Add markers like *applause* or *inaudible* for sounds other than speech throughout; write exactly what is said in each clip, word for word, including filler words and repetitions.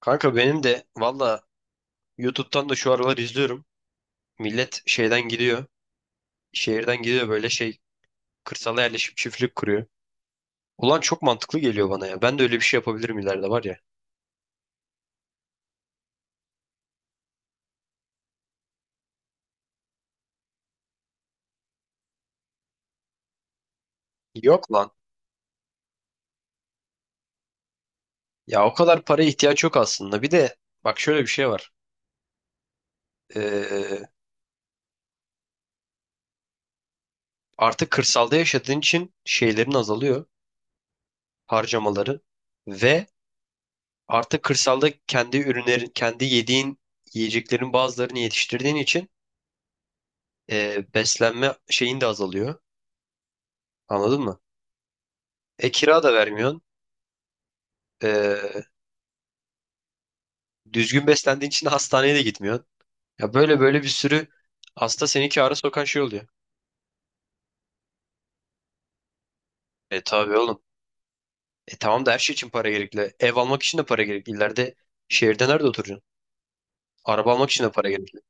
Kanka benim de valla YouTube'dan da şu aralar izliyorum. Millet şeyden gidiyor. Şehirden gidiyor böyle şey kırsala yerleşip çiftlik kuruyor. Ulan çok mantıklı geliyor bana ya. Ben de öyle bir şey yapabilirim ileride var ya. Yok lan. Ya o kadar paraya ihtiyaç yok aslında. Bir de bak şöyle bir şey var. Ee, artık kırsalda yaşadığın için şeylerin azalıyor. Harcamaları. Ve artık kırsalda kendi ürünlerin, kendi yediğin yiyeceklerin bazılarını yetiştirdiğin için e, beslenme şeyin de azalıyor. Anladın mı? E, kira da vermiyorsun. E, düzgün beslendiğin için de hastaneye de gitmiyorsun. Ya böyle böyle bir sürü hasta seni kâra sokan şey oluyor. E, tabii oğlum. E, tamam da her şey için para gerekli. Ev almak için de para gerekli. İleride şehirde nerede oturacaksın? Araba almak için de para gerekli.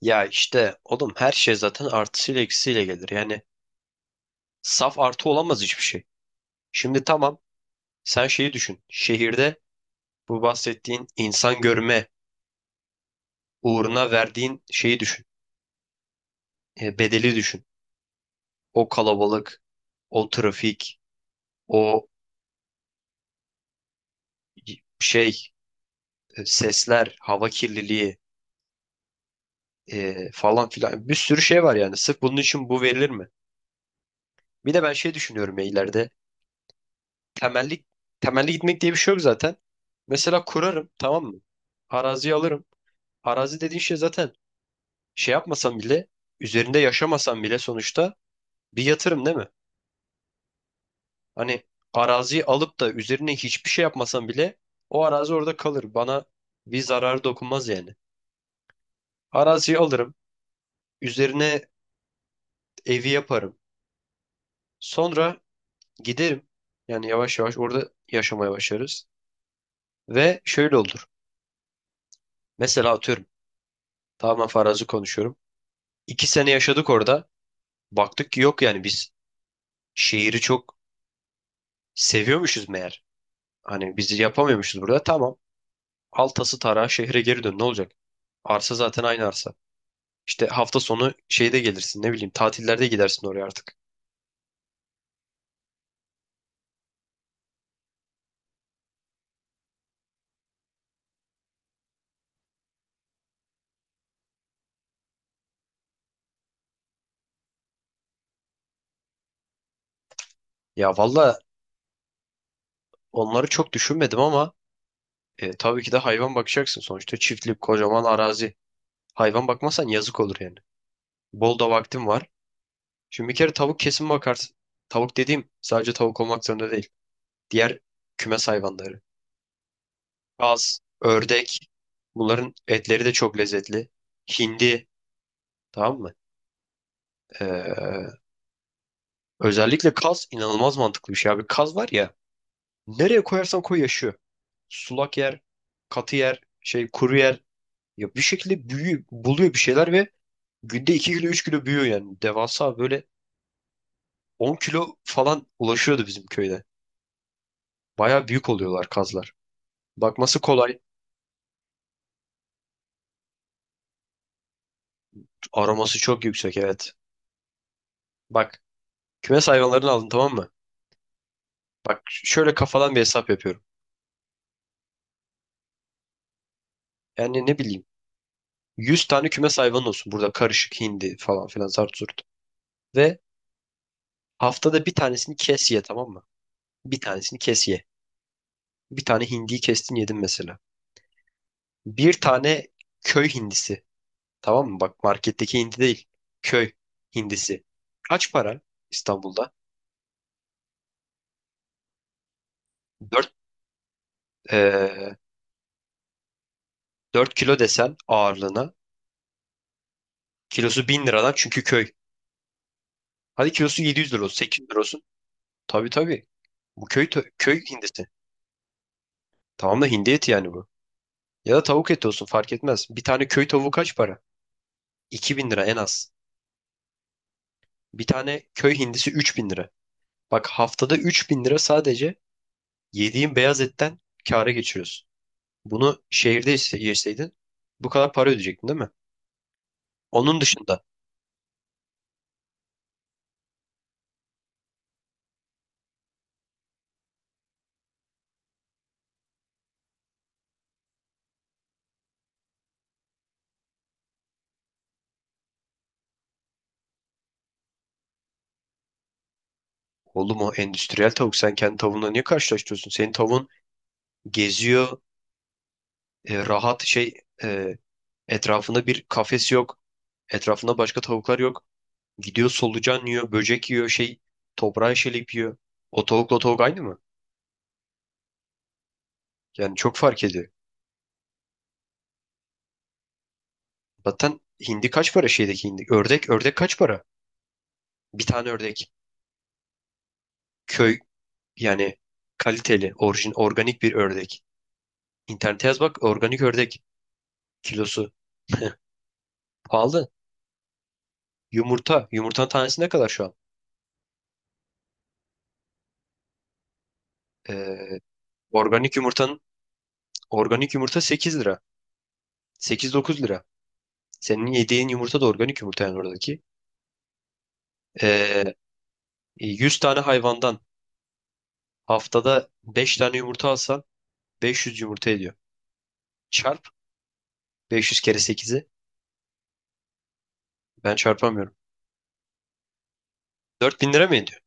Ya işte oğlum her şey zaten artısıyla eksisiyle gelir. Yani saf artı olamaz hiçbir şey. Şimdi tamam, sen şeyi düşün. Şehirde bu bahsettiğin insan görme uğruna verdiğin şeyi düşün. E, bedeli düşün. O kalabalık, o trafik, o şey, e, sesler, hava kirliliği, e, falan filan bir sürü şey var yani. Sırf bunun için bu verilir mi? Bir de ben şey düşünüyorum ya ileride. Temelli, temelli gitmek diye bir şey yok zaten. Mesela kurarım, tamam mı? Araziyi alırım. Arazi dediğin şey zaten şey yapmasam bile, üzerinde yaşamasam bile sonuçta bir yatırım değil mi? Hani araziyi alıp da üzerine hiçbir şey yapmasam bile o arazi orada kalır. Bana bir zararı dokunmaz yani. Araziyi alırım. Üzerine evi yaparım. Sonra giderim. Yani yavaş yavaş orada yaşamaya başlarız. Ve şöyle olur. Mesela atıyorum. Tamamen farazi konuşuyorum. İki sene yaşadık orada. Baktık ki yok, yani biz şehri çok seviyormuşuz meğer. Hani bizi yapamıyormuşuz burada. Tamam. Al tası tarağı şehre geri dön. Ne olacak? Arsa zaten aynı arsa. İşte hafta sonu şeyde gelirsin, ne bileyim tatillerde gidersin oraya artık. Ya valla onları çok düşünmedim ama E, tabii ki de hayvan bakacaksın, sonuçta çiftlik kocaman arazi. Hayvan bakmazsan yazık olur yani. Bol da vaktin var. Şimdi bir kere tavuk kesin bakarsın. Tavuk dediğim sadece tavuk olmak zorunda değil. Diğer kümes hayvanları. Kaz, ördek. Bunların etleri de çok lezzetli. Hindi. Tamam mı? Ee, özellikle kaz inanılmaz mantıklı bir şey abi. Kaz var ya, nereye koyarsan koy yaşıyor. Sulak yer, katı yer, şey, kuru yer. Ya bir şekilde büyüyor, buluyor bir şeyler ve günde iki kilo üç kilo büyüyor yani. Devasa, böyle on kilo falan ulaşıyordu bizim köyde. Baya büyük oluyorlar kazlar. Bakması kolay. Aroması çok yüksek, evet. Bak, kümes hayvanlarını aldın, tamam mı? Bak, şöyle kafadan bir hesap yapıyorum. Yani ne bileyim yüz tane kümes hayvanın olsun. Burada karışık hindi falan filan zart zurt. Ve haftada bir tanesini kes ye, tamam mı? Bir tanesini kes ye. Bir tane hindiyi kestin yedin mesela. Bir tane köy hindisi. Tamam mı? Bak, marketteki hindi değil. Köy hindisi. Kaç para İstanbul'da? dört Dört kilo desen ağırlığına. Kilosu bin liradan, çünkü köy. Hadi kilosu yedi yüz lira olsun, sekiz yüz lira olsun. Tabii, tabii. Bu köy tö- köy hindisi. Tamam da hindi eti yani bu. Ya da tavuk eti olsun fark etmez. Bir tane köy tavuğu kaç para? iki bin lira en az. Bir tane köy hindisi üç bin lira. Bak, haftada üç bin lira sadece yediğin beyaz etten kâra geçiriyorsun. Bunu şehirde ise- yeseydin bu kadar para ödeyecektin değil mi? Onun dışında oğlum o endüstriyel tavuk, sen kendi tavuğunla niye karşılaştırıyorsun? Senin tavuğun geziyor, e, rahat, şey, e, etrafında bir kafes yok. Etrafında başka tavuklar yok. Gidiyor solucan yiyor, böcek yiyor, şey, toprağa şelip yiyor. O tavukla o tavuk aynı mı? Yani çok fark ediyor. Zaten hindi kaç para şeydeki hindi? Ördek, ördek kaç para? Bir tane ördek. Köy, yani kaliteli, orijin, organik bir ördek. İnternete yaz bak, organik ördek kilosu. *laughs* Pahalı. Yumurta. Yumurtanın tanesi ne kadar şu an? Ee, organik yumurtanın, organik yumurta sekiz lira. Sekiz dokuz lira. Senin yediğin yumurta da organik yumurta yani oradaki. Ee, yüz tane hayvandan haftada beş tane yumurta alsan beş yüz yumurta ediyor. Çarp beş yüz kere sekizi. Ben çarpamıyorum. Dört bin lira mı ediyor?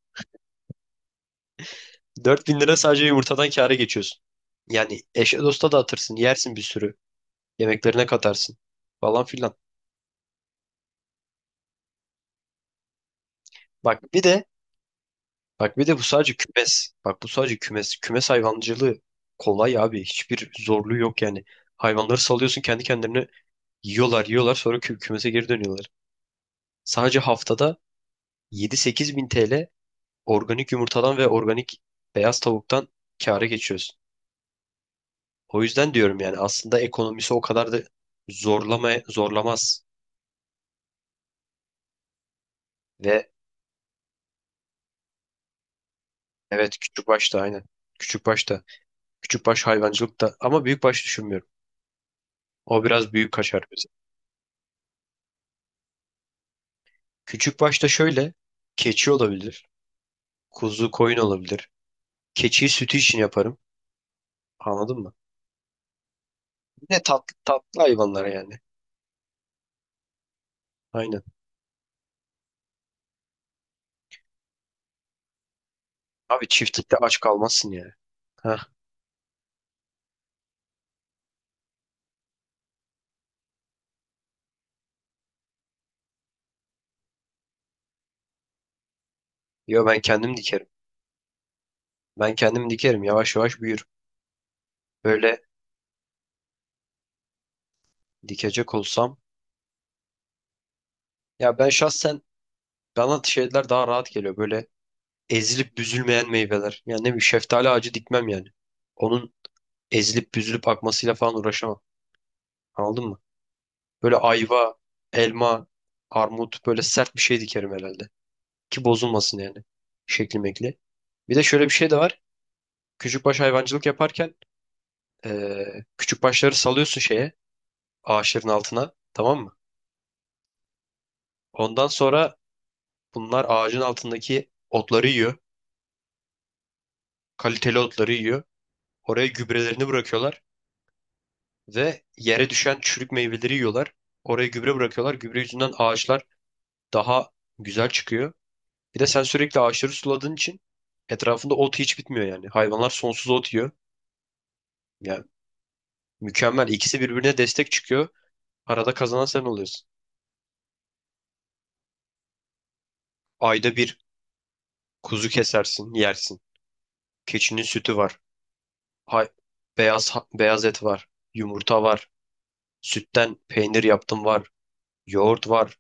Dört bin lira sadece yumurtadan kâra geçiyorsun. Yani eşe dosta dağıtırsın, yersin bir sürü. Yemeklerine katarsın falan filan. Bak bir de Bak bir de bu sadece kümes. Bak, bu sadece kümes. Kümes hayvancılığı kolay abi. Hiçbir zorluğu yok yani. Hayvanları salıyorsun kendi kendilerine, yiyorlar yiyorlar sonra kü- kümese geri dönüyorlar. Sadece haftada yedi sekiz bin T L organik yumurtadan ve organik beyaz tavuktan kâra geçiyorsun. O yüzden diyorum yani aslında ekonomisi o kadar da zorlama zorlamaz. Ve evet, küçük başta aynen. Küçük başta. Küçük baş hayvancılıkta, ama büyük baş düşünmüyorum. O biraz büyük kaçar. Küçük başta şöyle. Keçi olabilir. Kuzu, koyun olabilir. Keçiyi sütü için yaparım. Anladın mı? Ne tatlı tatlı hayvanlara yani. Aynen. Abi çiftlikte aç kalmazsın yani. Heh. Yo, ben kendim dikerim. Ben kendim dikerim. Yavaş yavaş büyür. Böyle dikecek olsam. Ya ben şahsen, bana şeyler daha rahat geliyor. Böyle ezilip büzülmeyen meyveler. Yani ne bileyim şeftali ağacı dikmem yani. Onun ezilip büzülüp akmasıyla falan uğraşamam. Anladın mı? Böyle ayva, elma, armut, böyle sert bir şey dikerim herhalde. Ki bozulmasın yani. Şekli mekli. Bir de şöyle bir şey de var. Küçükbaş hayvancılık yaparken eee küçükbaşları salıyorsun şeye, ağaçların altına, tamam mı? Ondan sonra bunlar ağacın altındaki otları yiyor, kaliteli otları yiyor. Oraya gübrelerini bırakıyorlar ve yere düşen çürük meyveleri yiyorlar. Oraya gübre bırakıyorlar. Gübre yüzünden ağaçlar daha güzel çıkıyor. Bir de sen sürekli ağaçları suladığın için etrafında ot hiç bitmiyor yani. Hayvanlar sonsuz ot yiyor. Yani mükemmel. İkisi birbirine destek çıkıyor. Arada kazanan sen oluyorsun. Ayda bir kuzu kesersin, yersin. Keçinin sütü var. Hay, beyaz ha- beyaz et var. Yumurta var. Sütten peynir yaptım var. Yoğurt var.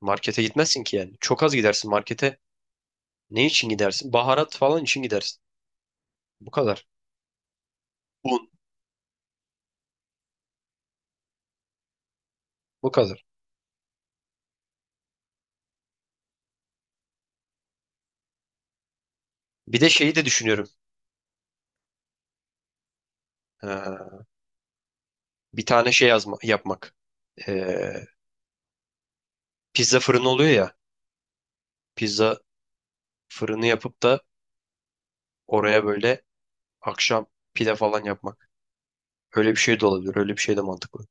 Markete gitmezsin ki yani. Çok az gidersin markete. Ne için gidersin? Baharat falan için gidersin. Bu kadar. Un. Bu kadar. Bir de şeyi de düşünüyorum. Ha, bir tane şey yazma, yapmak. Ee, pizza fırını oluyor ya. Pizza fırını yapıp da oraya böyle akşam pide falan yapmak. Öyle bir şey de olabilir. Öyle bir şey de mantıklı.